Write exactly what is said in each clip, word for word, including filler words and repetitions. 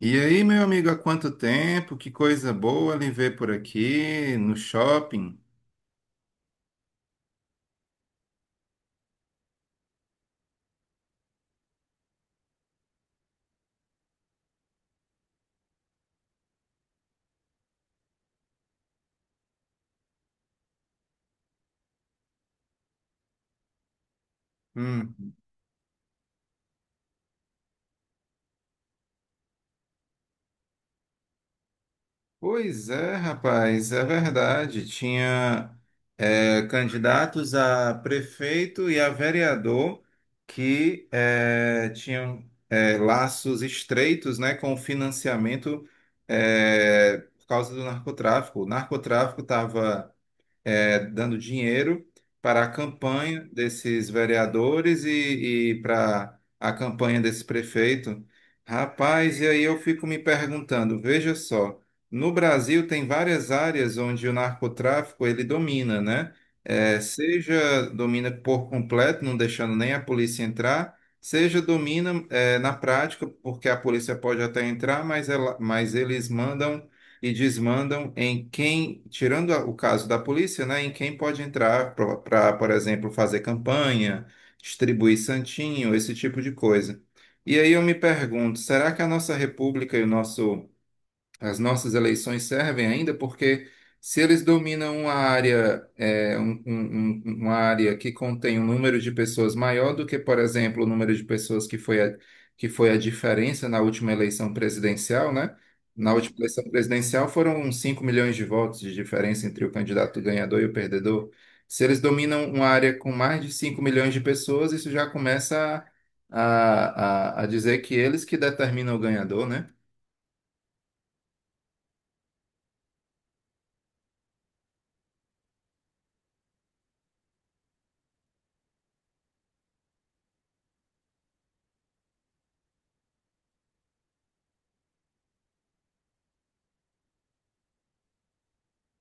E aí, meu amigo, há quanto tempo? Que coisa boa lhe ver por aqui no shopping. Hum. Pois é, rapaz, é verdade. Tinha é, candidatos a prefeito e a vereador que é, tinham é, laços estreitos, né, com o financiamento é, por causa do narcotráfico. O narcotráfico estava é, dando dinheiro para a campanha desses vereadores e, e para a campanha desse prefeito. Rapaz, e aí eu fico me perguntando, veja só, no Brasil tem várias áreas onde o narcotráfico ele domina, né? É, seja domina por completo, não deixando nem a polícia entrar, seja domina é, na prática, porque a polícia pode até entrar, mas, ela, mas eles mandam e desmandam em quem, tirando a- o caso da polícia, né, em quem pode entrar para, por exemplo, fazer campanha, distribuir santinho, esse tipo de coisa. E aí eu me pergunto, será que a nossa república e o nosso as nossas eleições servem ainda porque se eles dominam uma área, é, um- um- um- uma área que contém um número de pessoas maior do que, por exemplo, o número de pessoas que foi a, que foi a diferença na última eleição presidencial, né? Na última eleição presidencial foram uns cinco milhões de votos de diferença entre o candidato ganhador e o perdedor. Se eles dominam uma área com mais de cinco milhões de pessoas, isso já começa a, a, a dizer que eles que determinam o ganhador, né?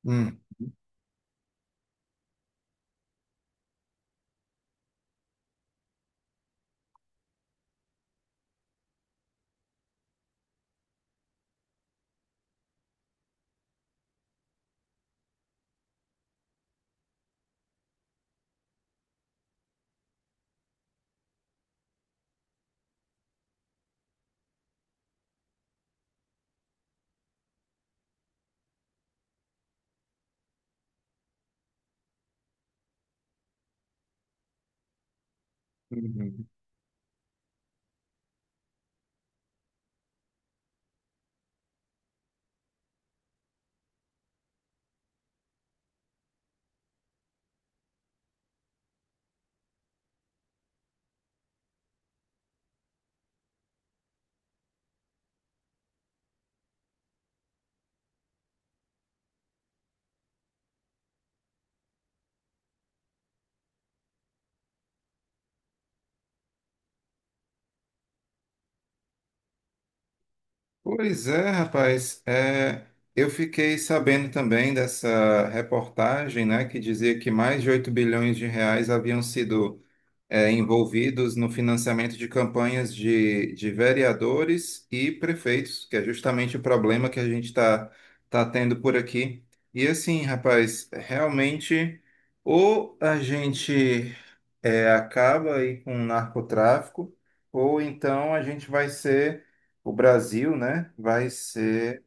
Hum. Uhum. Pois é, rapaz. É, eu fiquei sabendo também dessa reportagem, né, que dizia que mais de oito bilhões de reais haviam sido, é, envolvidos no financiamento de campanhas de, de vereadores e prefeitos, que é justamente o problema que a gente está tá tá tendo por aqui. E assim, rapaz, realmente, ou a gente é, acaba aí com o narcotráfico, ou então a gente vai ser, o Brasil, né, vai ser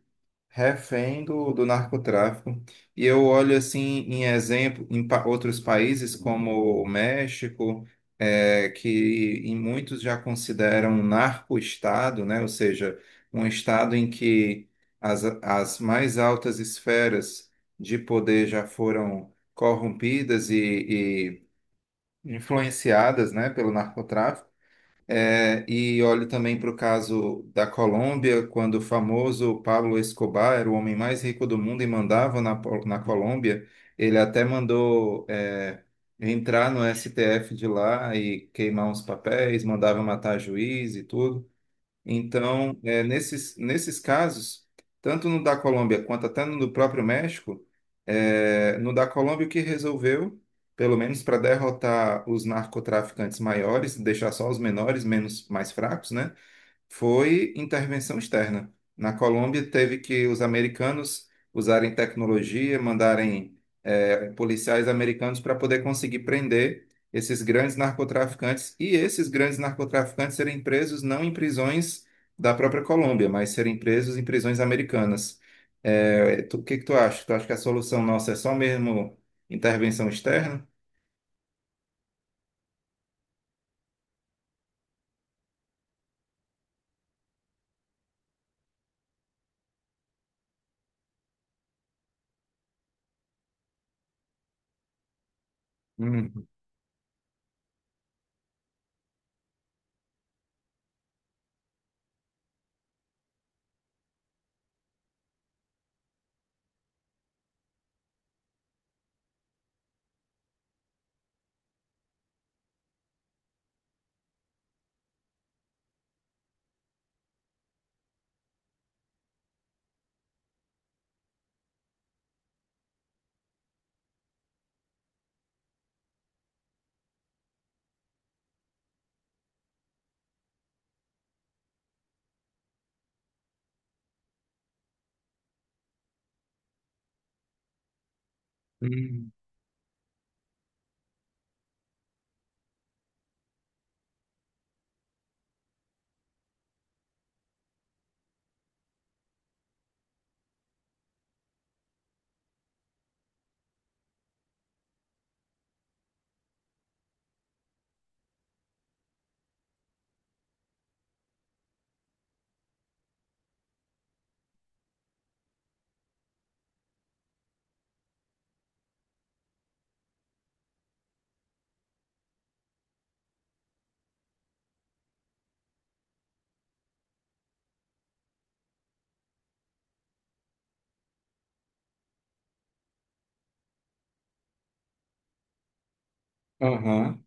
refém do, do narcotráfico. E eu olho assim em exemplo em pa- outros países como o México, é, que em muitos já consideram um narco-estado, né, ou seja, um estado em que as, as mais altas esferas de poder já foram corrompidas e, e influenciadas, né, pelo narcotráfico. É, e olhe também para o caso da Colômbia, quando o famoso Pablo Escobar era o homem mais rico do mundo e mandava na, Po- na Colômbia. Ele até mandou, é, entrar no S T F de lá e queimar uns papéis, mandava matar juiz e tudo. Então, é, nesses, nesses casos, tanto no da Colômbia quanto até no do próprio México, é, no da Colômbia o que resolveu, pelo menos para derrotar os narcotraficantes maiores, deixar só os menores, menos mais fracos, né? Foi intervenção externa. Na Colômbia, teve que os americanos usarem tecnologia, mandarem eh, policiais americanos para poder conseguir prender esses grandes narcotraficantes e esses grandes narcotraficantes serem presos não em prisões da própria Colômbia, mas serem presos em prisões americanas. Eh, tu- O que que tu acha? Tu acha que a solução nossa é só mesmo intervenção externa? Hum. Hum. Aham.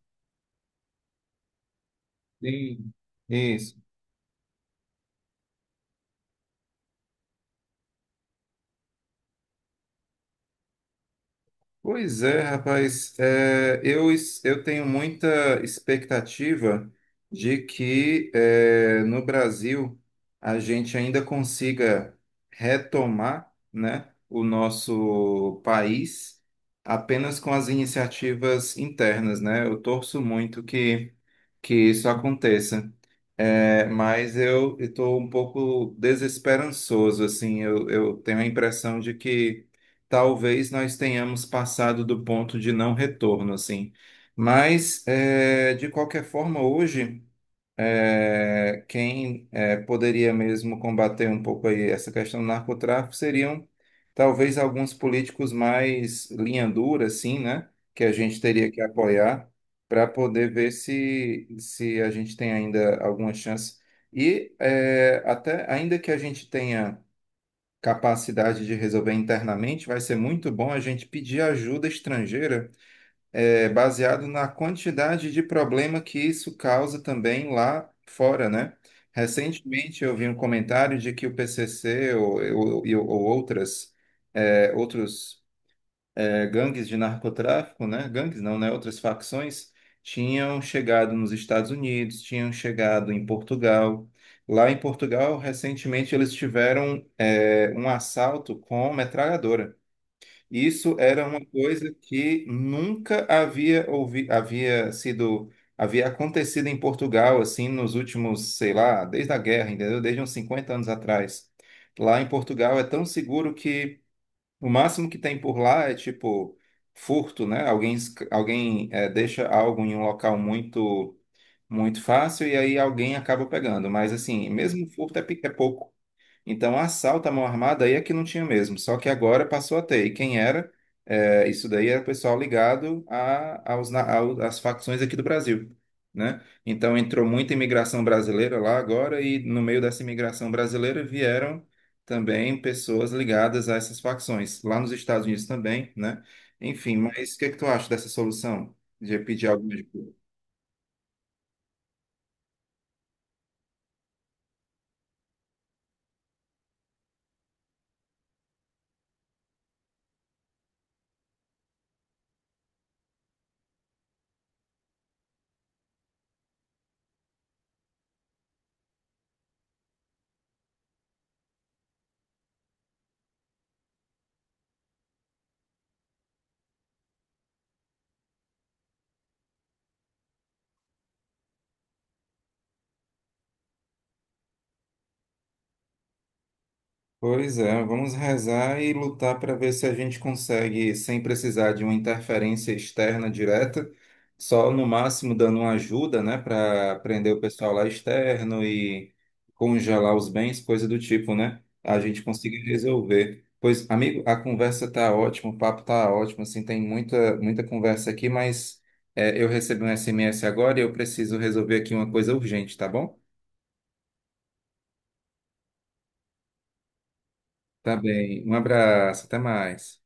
Sim. Isso. Pois é, rapaz. É, eu, es- eu tenho muita expectativa de que é, no Brasil a gente ainda consiga retomar, né, o nosso país apenas com as iniciativas internas, né? Eu torço muito que, que isso aconteça. É, mas eu estou um pouco desesperançoso, assim, eu, eu tenho a impressão de que talvez nós tenhamos passado do ponto de não retorno, assim. Mas, é, de qualquer forma, hoje, é, quem é, poderia mesmo combater um pouco aí essa questão do narcotráfico seriam, talvez, alguns políticos mais linha dura, assim, né? Que a gente teria que apoiar para poder ver se, se a gente tem ainda alguma chance. E é, até ainda que a gente tenha capacidade de resolver internamente, vai ser muito bom a gente pedir ajuda estrangeira, eh, baseado na quantidade de problema que isso causa também lá fora, né? Recentemente eu vi um comentário de que o P C C ou, ou, e- ou outras, eh, outros é, gangues de narcotráfico, né? Gangues não, né? Outras facções tinham chegado nos Estados Unidos, tinham chegado em Portugal. Lá em Portugal, recentemente, eles tiveram é, um assalto com metralhadora. Isso era uma coisa que nunca havia ouvi havia sido havia acontecido em Portugal assim nos últimos, sei lá, desde a guerra, entendeu? Desde uns cinquenta anos atrás. Lá em Portugal é tão seguro que o máximo que tem por lá é tipo furto, né? Alguém, esc- alguém eh, deixa algo em um local muito muito fácil e aí alguém acaba pegando. Mas assim, mesmo furto é, pe- é pouco. Então, assalto à mão armada aí é que não tinha mesmo, só que agora passou a ter. E quem era? É, isso daí era pessoal ligado a, aos, na- ao- às facções aqui do Brasil, né? Então, entrou muita imigração brasileira lá agora e no meio dessa imigração brasileira vieram também pessoas ligadas a essas facções, lá nos Estados Unidos também, né? Enfim, mas o que é que tu acha dessa solução de pedir alguma ajuda? Pois é, vamos rezar e lutar para ver se a gente consegue, sem precisar de uma interferência externa direta, só no máximo dando uma ajuda, né, para prender o pessoal lá externo e congelar os bens, coisa do tipo, né? A gente conseguir resolver. Pois, amigo, a conversa tá ótima, o papo tá ótimo, assim, tem muita, muita conversa aqui, mas é, eu recebi um S M S agora e eu preciso resolver aqui uma coisa urgente, tá bom? Tá bem, um abraço, até mais.